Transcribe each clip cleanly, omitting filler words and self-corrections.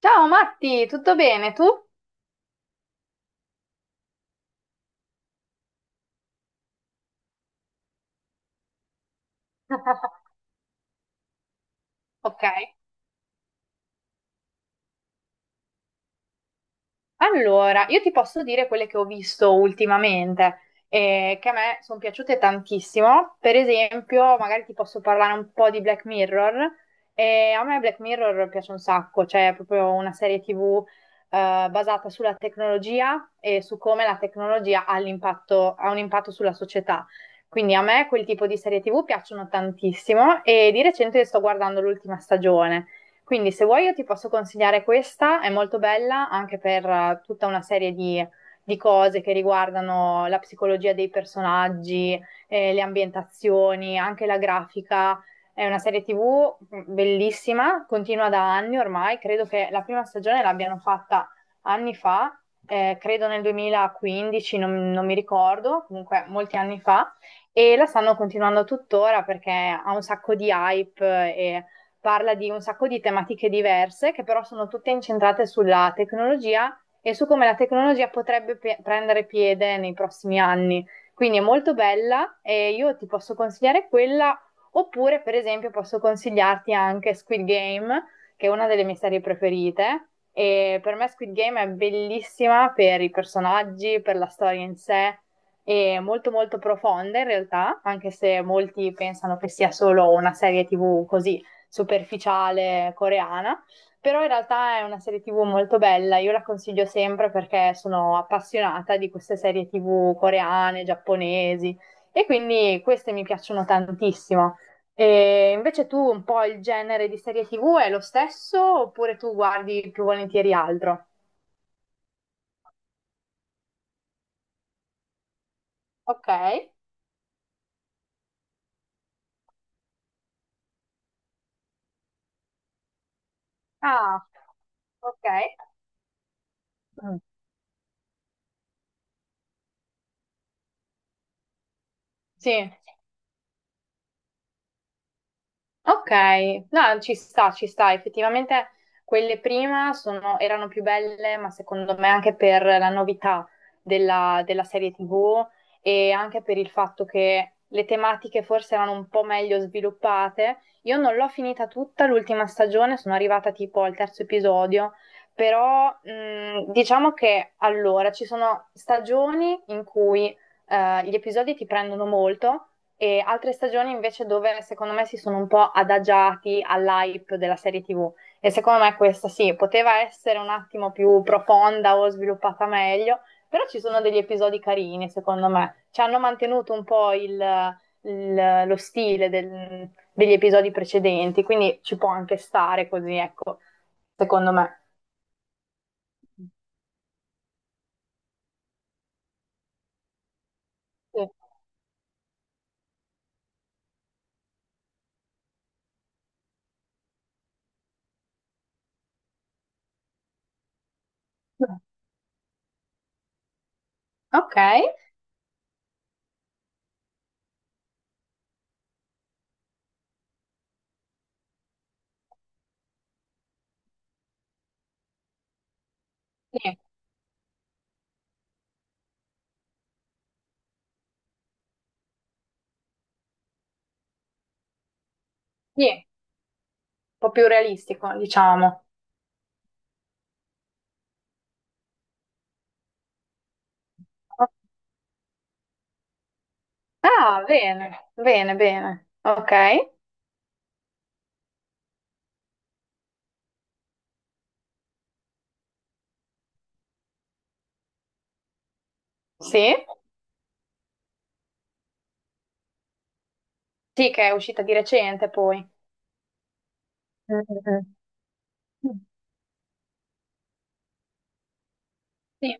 Ciao Matti, tutto bene? Tu? Ok, allora io ti posso dire quelle che ho visto ultimamente che a me sono piaciute tantissimo. Per esempio, magari ti posso parlare un po' di Black Mirror. A me Black Mirror piace un sacco, cioè è proprio una serie TV basata sulla tecnologia e su come la tecnologia ha un impatto sulla società. Quindi a me quel tipo di serie TV piacciono tantissimo e di recente sto guardando l'ultima stagione. Quindi se vuoi io ti posso consigliare questa, è molto bella anche per tutta una serie di cose che riguardano la psicologia dei personaggi, le ambientazioni, anche la grafica. È una serie TV bellissima, continua da anni ormai, credo che la prima stagione l'abbiano fatta anni fa, credo nel 2015, non mi ricordo, comunque molti anni fa, e la stanno continuando tuttora perché ha un sacco di hype e parla di un sacco di tematiche diverse che però sono tutte incentrate sulla tecnologia e su come la tecnologia potrebbe prendere piede nei prossimi anni. Quindi è molto bella e io ti posso consigliare quella, oppure per esempio posso consigliarti anche Squid Game, che è una delle mie serie preferite. E per me Squid Game è bellissima per i personaggi, per la storia in sé, è molto molto profonda in realtà, anche se molti pensano che sia solo una serie TV così superficiale coreana, però in realtà è una serie TV molto bella, io la consiglio sempre perché sono appassionata di queste serie TV coreane, giapponesi e quindi queste mi piacciono tantissimo. E invece tu un po' il genere di serie TV è lo stesso oppure tu guardi più volentieri altro? Ok. Ah, ok. Mm. Sì. Ok, no, ci sta, ci sta. Effettivamente quelle prima erano più belle, ma secondo me anche per la novità della, della serie TV e anche per il fatto che le tematiche forse erano un po' meglio sviluppate. Io non l'ho finita tutta l'ultima stagione, sono arrivata tipo al terzo episodio, però diciamo che allora ci sono stagioni in cui gli episodi ti prendono molto e altre stagioni invece dove secondo me si sono un po' adagiati all'hype della serie TV e secondo me questa sì, poteva essere un attimo più profonda o sviluppata meglio, però ci sono degli episodi carini secondo me, ci hanno mantenuto un po' lo stile degli episodi precedenti, quindi ci può anche stare così, ecco, secondo me. Sì. Ok, sì, sì, un po' più realistico, diciamo. Ah, bene, bene, bene. Ok, sì. Sì, che è uscita di recente poi. Mm, mm, mm. Sì.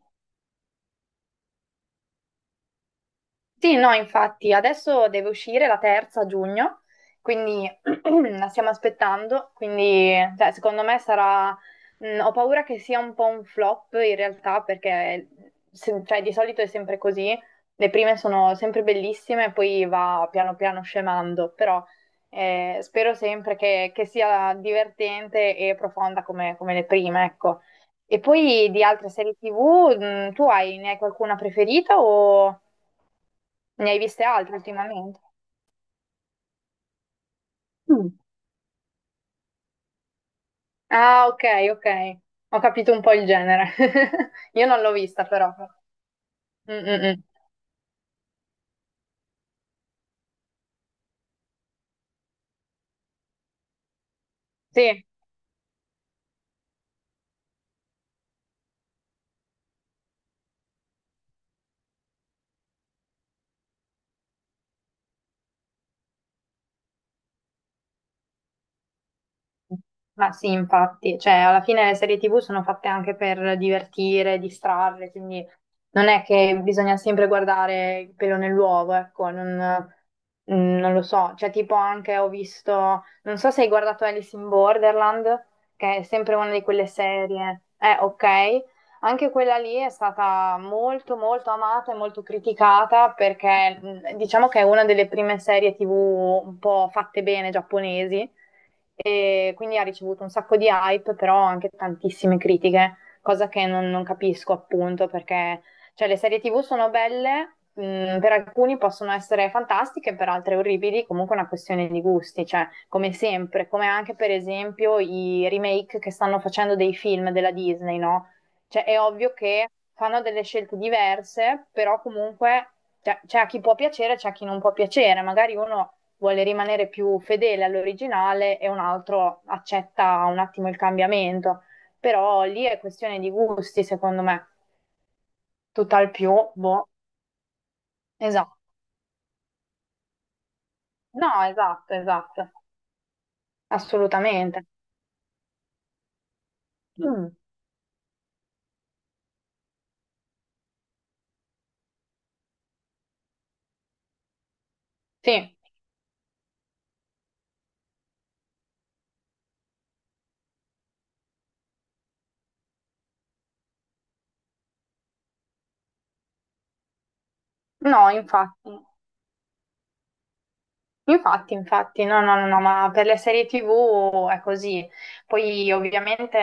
Sì, no, infatti, adesso deve uscire la terza a giugno, quindi la stiamo aspettando, quindi cioè, secondo me sarà. Ho paura che sia un po' un flop in realtà, perché cioè, di solito è sempre così, le prime sono sempre bellissime e poi va piano piano scemando, però spero sempre che sia divertente e profonda come le prime, ecco. E poi di altre serie TV, ne hai qualcuna preferita o... Ne hai viste altre ultimamente? Mm. Ah, ok, ok. Ho capito un po' il genere. Io non l'ho vista, però. Mm, mm, mm. Sì. Ma sì, infatti, cioè alla fine le serie TV sono fatte anche per divertire, distrarre, quindi non è che bisogna sempre guardare il pelo nell'uovo, ecco, non lo so, cioè tipo anche ho visto, non so se hai guardato Alice in Borderland, che è sempre una di quelle serie, ok, anche quella lì è stata molto molto amata e molto criticata perché diciamo che è una delle prime serie TV un po' fatte bene giapponesi e quindi ha ricevuto un sacco di hype, però anche tantissime critiche, cosa che non capisco appunto perché cioè, le serie TV sono belle, per alcuni possono essere fantastiche, per altre orribili, comunque è una questione di gusti, cioè come sempre, come anche per esempio i remake che stanno facendo dei film della Disney, no? Cioè è ovvio che fanno delle scelte diverse, però comunque cioè, c'è a chi può piacere, c'è a chi non può piacere, magari uno vuole rimanere più fedele all'originale e un altro accetta un attimo il cambiamento. Però lì è questione di gusti, secondo me. Tutt'al più, boh, esatto. No, esatto, esatto, assolutamente. Mm, sì, no, infatti. Infatti, infatti, no, no, no, no, ma per le serie TV è così. Poi ovviamente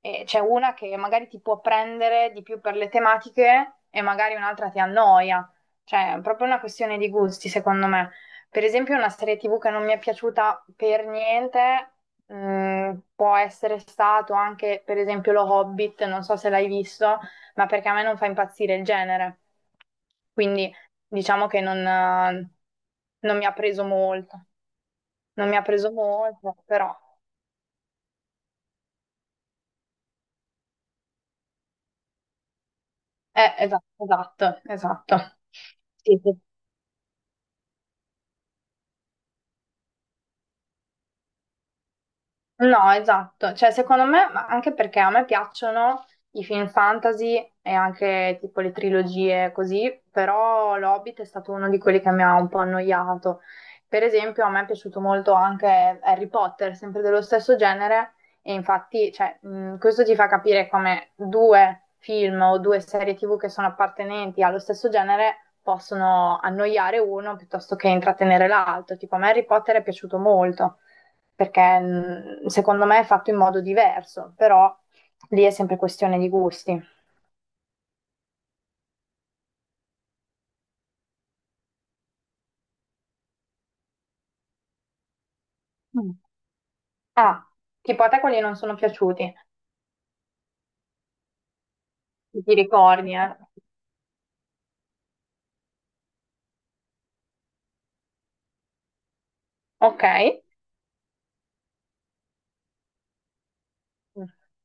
c'è una che magari ti può prendere di più per le tematiche e magari un'altra ti annoia. Cioè, è proprio una questione di gusti, secondo me. Per esempio, una serie TV che non mi è piaciuta per niente, può essere stato anche, per esempio, Lo Hobbit, non so se l'hai visto, ma perché a me non fa impazzire il genere. Quindi diciamo che non mi ha preso molto, non mi ha preso molto, però... esatto, esatto, esatto. Sì, sì, no, esatto, cioè secondo me, ma anche perché a me piacciono i film fantasy e anche tipo le trilogie così, però L'Hobbit è stato uno di quelli che mi ha un po' annoiato. Per esempio, a me è piaciuto molto anche Harry Potter, sempre dello stesso genere, e infatti, cioè, questo ti fa capire come due film o due serie TV che sono appartenenti allo stesso genere possono annoiare uno piuttosto che intrattenere l'altro. Tipo, a me Harry Potter è piaciuto molto perché secondo me è fatto in modo diverso, però lì è sempre questione di gusti. Mm. Ah, tipo a te quelli non sono piaciuti, ti ricordi, eh? Ok.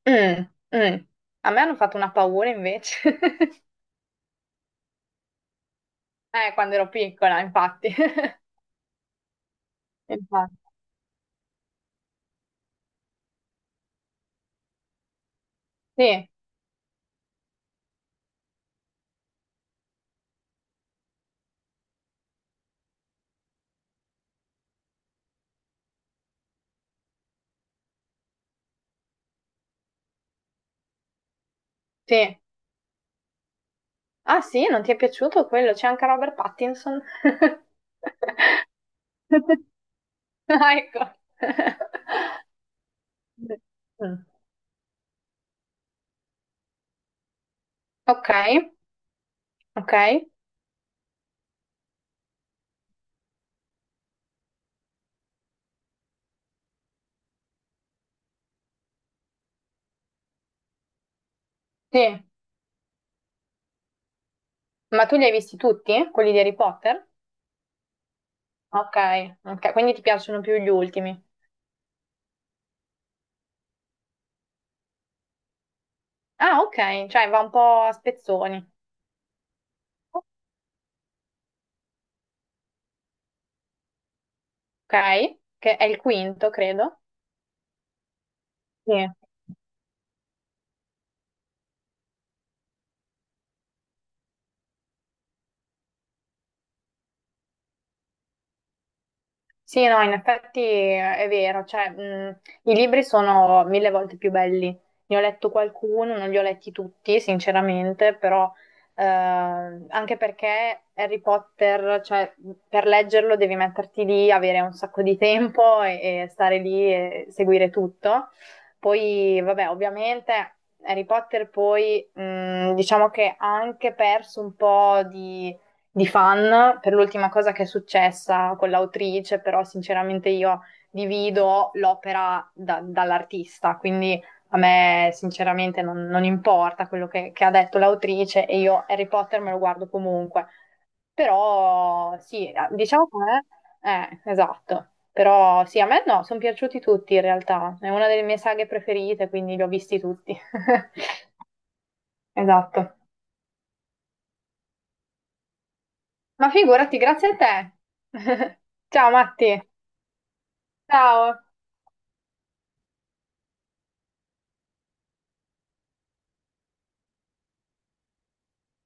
Mm, mm. A me hanno fatto una paura invece. Quando ero piccola, infatti. Infatti. Sì, sì. Ah sì, non ti è piaciuto quello? C'è anche Robert Pattinson. Ah, ecco. Mm. Ok, ok. Sì. Ma tu li hai visti tutti, quelli di Harry Potter? Ok, ok, quindi ti piacciono più gli ultimi. Ah, ok, cioè va un po' a spezzoni. Ok, che è il quinto, credo. Sì. Sì, no, in effetti è vero, cioè, i libri sono mille volte più belli. Ne ho letto qualcuno, non li ho letti tutti, sinceramente, però anche perché Harry Potter, cioè, per leggerlo devi metterti lì, avere un sacco di tempo e stare lì e seguire tutto. Poi, vabbè, ovviamente Harry Potter poi, diciamo che ha anche perso un po' di fan per l'ultima cosa che è successa con l'autrice, però sinceramente io divido l'opera dall'artista, quindi a me sinceramente non importa quello che ha detto l'autrice e io Harry Potter me lo guardo comunque. Però sì, diciamo che esatto. Però sì, a me no, sono piaciuti tutti in realtà. È una delle mie saghe preferite, quindi li ho visti tutti. Esatto. Ma figurati, grazie a te. Ciao Matti. Ciao.